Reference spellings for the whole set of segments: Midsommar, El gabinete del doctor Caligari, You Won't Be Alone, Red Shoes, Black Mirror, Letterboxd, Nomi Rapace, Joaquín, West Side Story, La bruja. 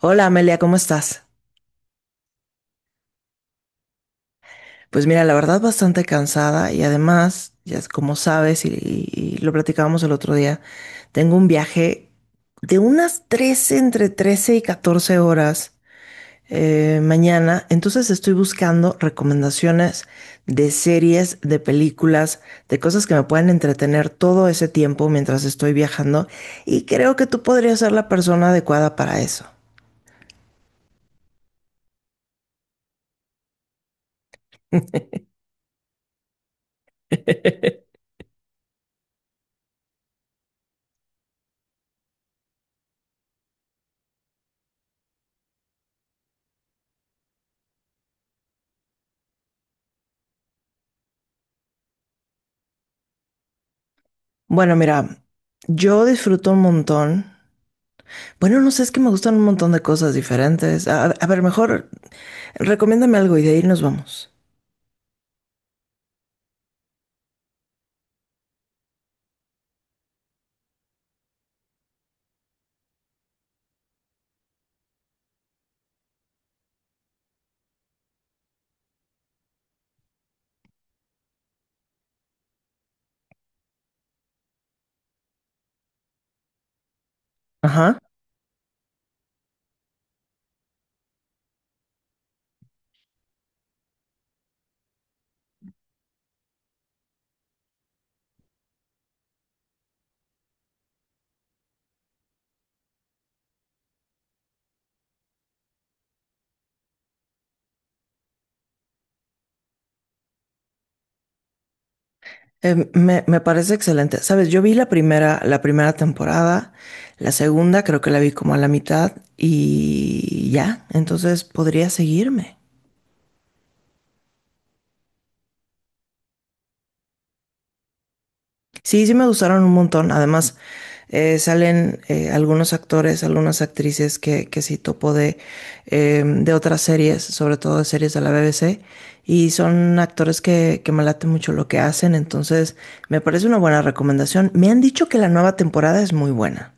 Hola Amelia, ¿cómo estás? Pues mira, la verdad bastante cansada y además, ya es como sabes y y lo platicábamos el otro día, tengo un viaje de unas 13 entre 13 y 14 horas mañana, entonces estoy buscando recomendaciones de series, de películas, de cosas que me puedan entretener todo ese tiempo mientras estoy viajando y creo que tú podrías ser la persona adecuada para eso. Bueno, mira, yo disfruto un montón. Bueno, no sé, es que me gustan un montón de cosas diferentes. A ver, mejor recomiéndame algo y de ahí nos vamos. Ajá. Me parece excelente. Sabes, yo vi la primera temporada, la segunda creo que la vi como a la mitad y ya, entonces podría seguirme. Sí, sí me gustaron un montón. Además, salen algunos actores, algunas actrices que sí topo de otras series, sobre todo de series de la BBC, y son actores que me late mucho lo que hacen, entonces me parece una buena recomendación. Me han dicho que la nueva temporada es muy buena.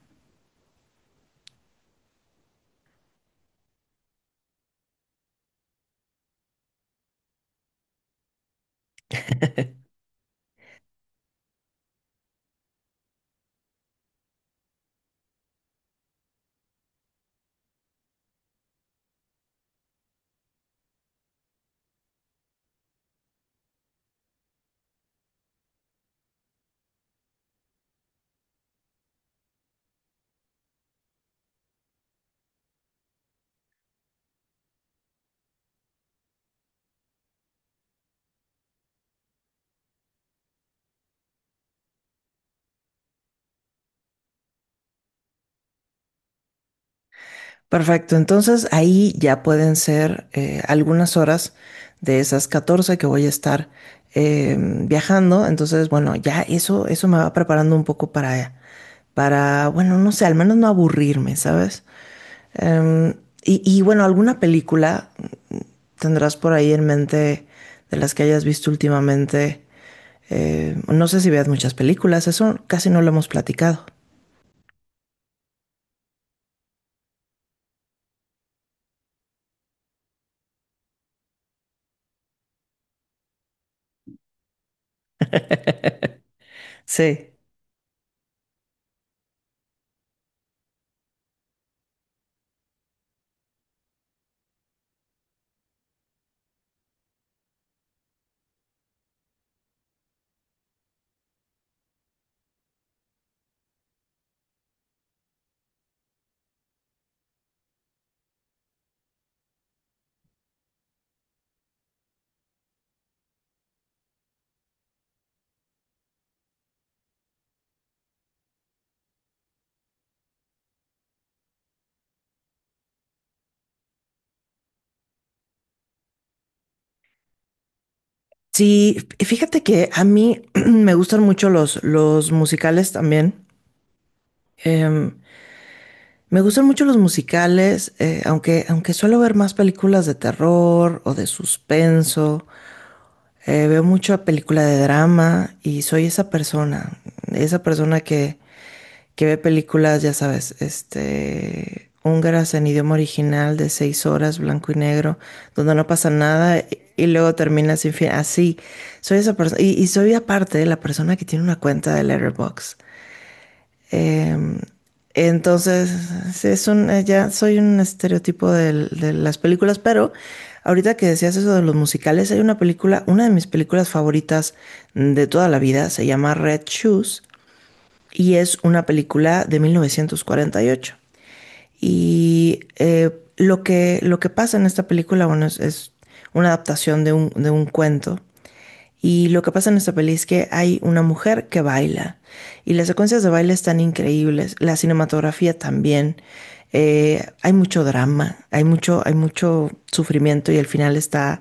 Perfecto, entonces ahí ya pueden ser algunas horas de esas 14 que voy a estar viajando, entonces bueno, ya eso me va preparando un poco bueno, no sé, al menos no aburrirme, ¿sabes? Em, y bueno, ¿alguna película tendrás por ahí en mente de las que hayas visto últimamente? No sé si veas muchas películas, eso casi no lo hemos platicado. Sí. Sí, fíjate que a mí me gustan mucho los musicales también. Em, Me gustan mucho los musicales, aunque suelo ver más películas de terror o de suspenso. Veo mucha película de drama y soy esa persona que ve películas, ya sabes, este, húngaras en idioma original de 6 horas, blanco y negro, donde no pasa nada y luego termina sin fin. Así, soy esa persona. Y soy aparte la persona que tiene una cuenta de Letterboxd. Em, entonces, sí, ya soy un estereotipo de las películas, pero ahorita que decías eso de los musicales, hay una película, una de mis películas favoritas de toda la vida, se llama Red Shoes y es una película de 1948. Y ocho. Y eh, lo que pasa en esta película, bueno, es una adaptación de un cuento y lo que pasa en esta peli es que hay una mujer que baila. Y las secuencias de baile están increíbles. La cinematografía también. Hay mucho drama, hay mucho sufrimiento y al final está,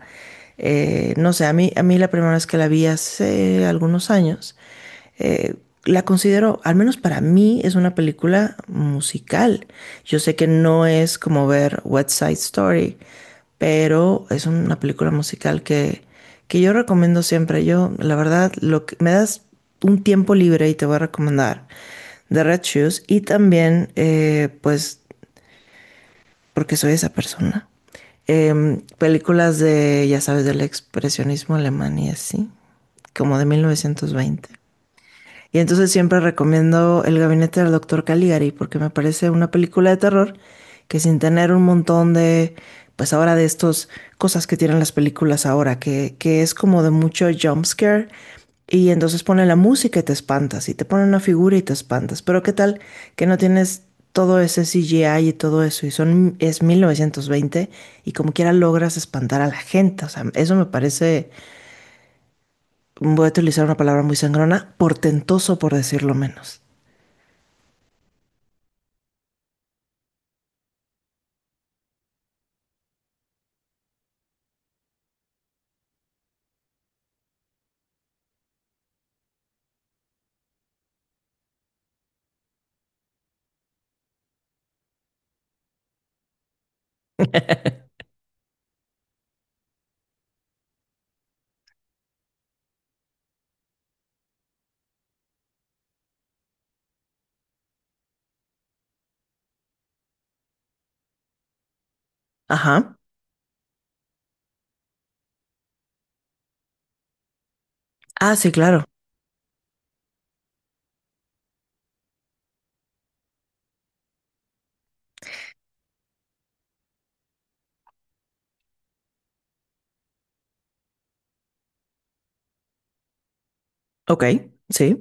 no sé, a mí la primera vez que la vi hace algunos años, eh, la considero, al menos para mí, es una película musical. Yo sé que no es como ver West Side Story, pero es una película musical que yo recomiendo siempre. Yo, la verdad, lo que, Me das un tiempo libre y te voy a recomendar The Red Shoes y también, pues, porque soy esa persona. Películas de, ya sabes, del expresionismo alemán y así, como de 1920. Y entonces siempre recomiendo El gabinete del doctor Caligari porque me parece una película de terror que sin tener un montón de, pues ahora de estas cosas que tienen las películas ahora, que es como de mucho jump scare y entonces pone la música y te espantas y te pone una figura y te espantas. Pero qué tal que no tienes todo ese CGI y todo eso y son es 1920 y como quiera logras espantar a la gente. O sea, eso me parece, voy a utilizar una palabra muy sangrona, portentoso por decirlo menos. Ajá. Ah, sí, claro. Ok, sí.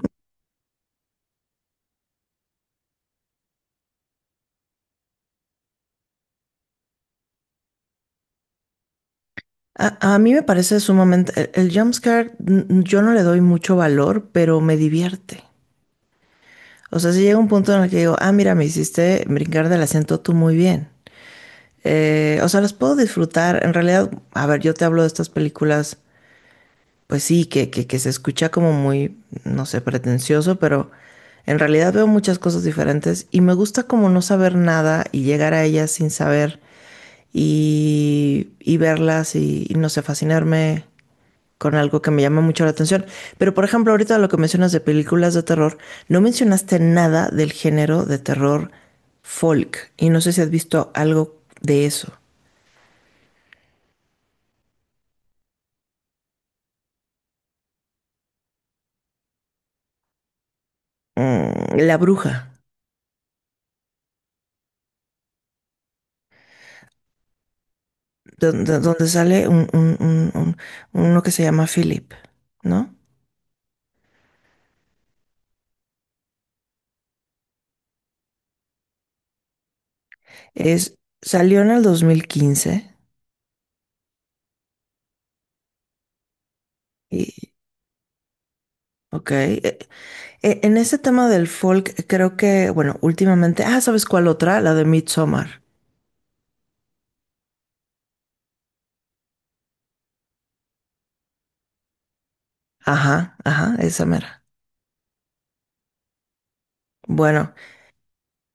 A a mí me parece sumamente... El jumpscare, mm, yo no le doy mucho valor, pero me divierte. O sea, si llega un punto en el que digo, ah, mira, me hiciste brincar del asiento tú muy bien. O sea, las puedo disfrutar. En realidad, a ver, yo te hablo de estas películas, pues sí, que se escucha como muy, no sé, pretencioso, pero en realidad veo muchas cosas diferentes y me gusta como no saber nada y llegar a ellas sin saber y verlas y no sé, fascinarme con algo que me llama mucho la atención. Pero por ejemplo, ahorita lo que mencionas de películas de terror, no mencionaste nada del género de terror folk y no sé si has visto algo de eso. Mm, La bruja, donde, donde sale uno que se llama Philip, ¿no? Es, Salió en el 2015 y, ok, en ese tema del folk, creo que, bueno, últimamente, ah, ¿sabes cuál otra? La de Midsommar. Ajá, ajá, esa mera. Bueno,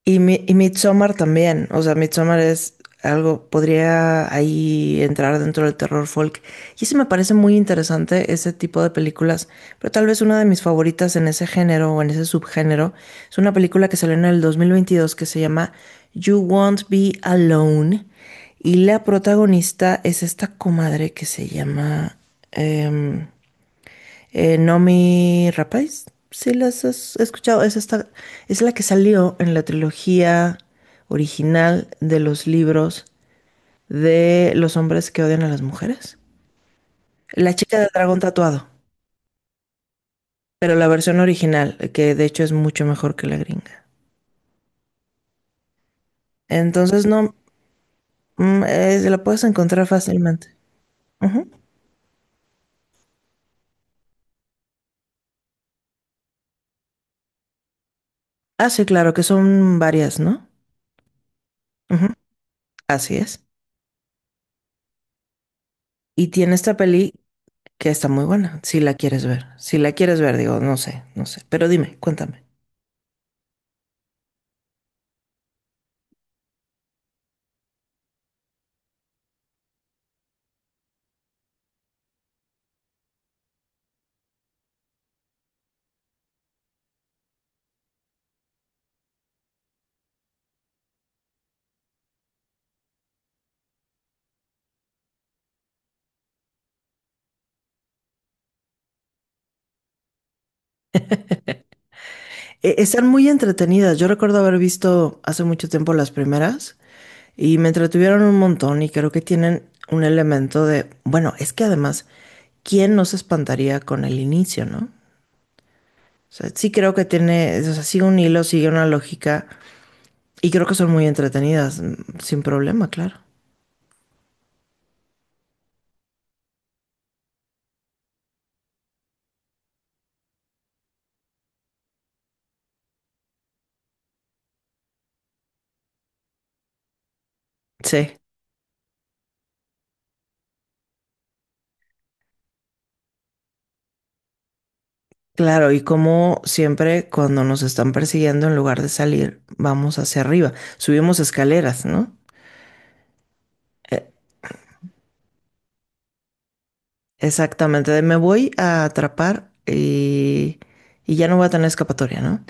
Y Midsommar también, o sea, Midsommar es algo, podría ahí entrar dentro del terror folk. Y eso me parece muy interesante, ese tipo de películas. Pero tal vez una de mis favoritas en ese género o en ese subgénero es una película que salió en el 2022 que se llama You Won't Be Alone. Y la protagonista es esta comadre que se llama... em, Nomi Rapace, si las has escuchado, es esta, es la que salió en la trilogía original de los libros de los hombres que odian a las mujeres. La chica del dragón tatuado, pero la versión original, que de hecho es mucho mejor que la gringa. Entonces no, se la puedes encontrar fácilmente. Ujú. Ah, sí, claro, que son varias, ¿no? Ujú, así es. Y tiene esta peli que está muy buena, si la quieres ver. Si la quieres ver, digo, no sé, no sé. Pero dime, cuéntame. Están muy entretenidas. Yo recuerdo haber visto hace mucho tiempo las primeras y me entretuvieron un montón y creo que tienen un elemento de, bueno, es que además, ¿quién no se espantaría con el inicio, no? O sea, sí creo que tiene, o sea, sigue un hilo, sigue una lógica y creo que son muy entretenidas, mm, sin problema, claro. Sí. Claro, y como siempre cuando nos están persiguiendo, en lugar de salir, vamos hacia arriba, subimos escaleras, ¿no? Exactamente, de me voy a atrapar y ya no voy a tener escapatoria, ¿no?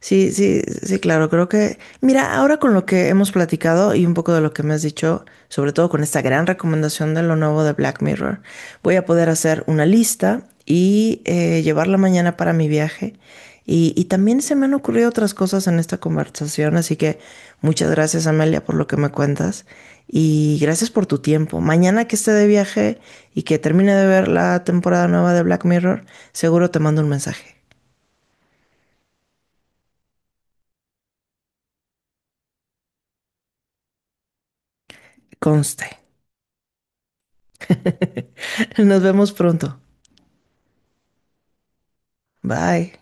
Sí, sí, sí, claro, creo que, mira, ahora con lo que hemos platicado y un poco de lo que me has dicho, sobre todo con esta gran recomendación de lo nuevo de Black Mirror, voy a poder hacer una lista y llevarla mañana para mi viaje. Y también se me han ocurrido otras cosas en esta conversación, así que muchas gracias, Amelia, por lo que me cuentas y gracias por tu tiempo. Mañana que esté de viaje y que termine de ver la temporada nueva de Black Mirror, seguro te mando un mensaje. Conste. Nos vemos pronto. Bye.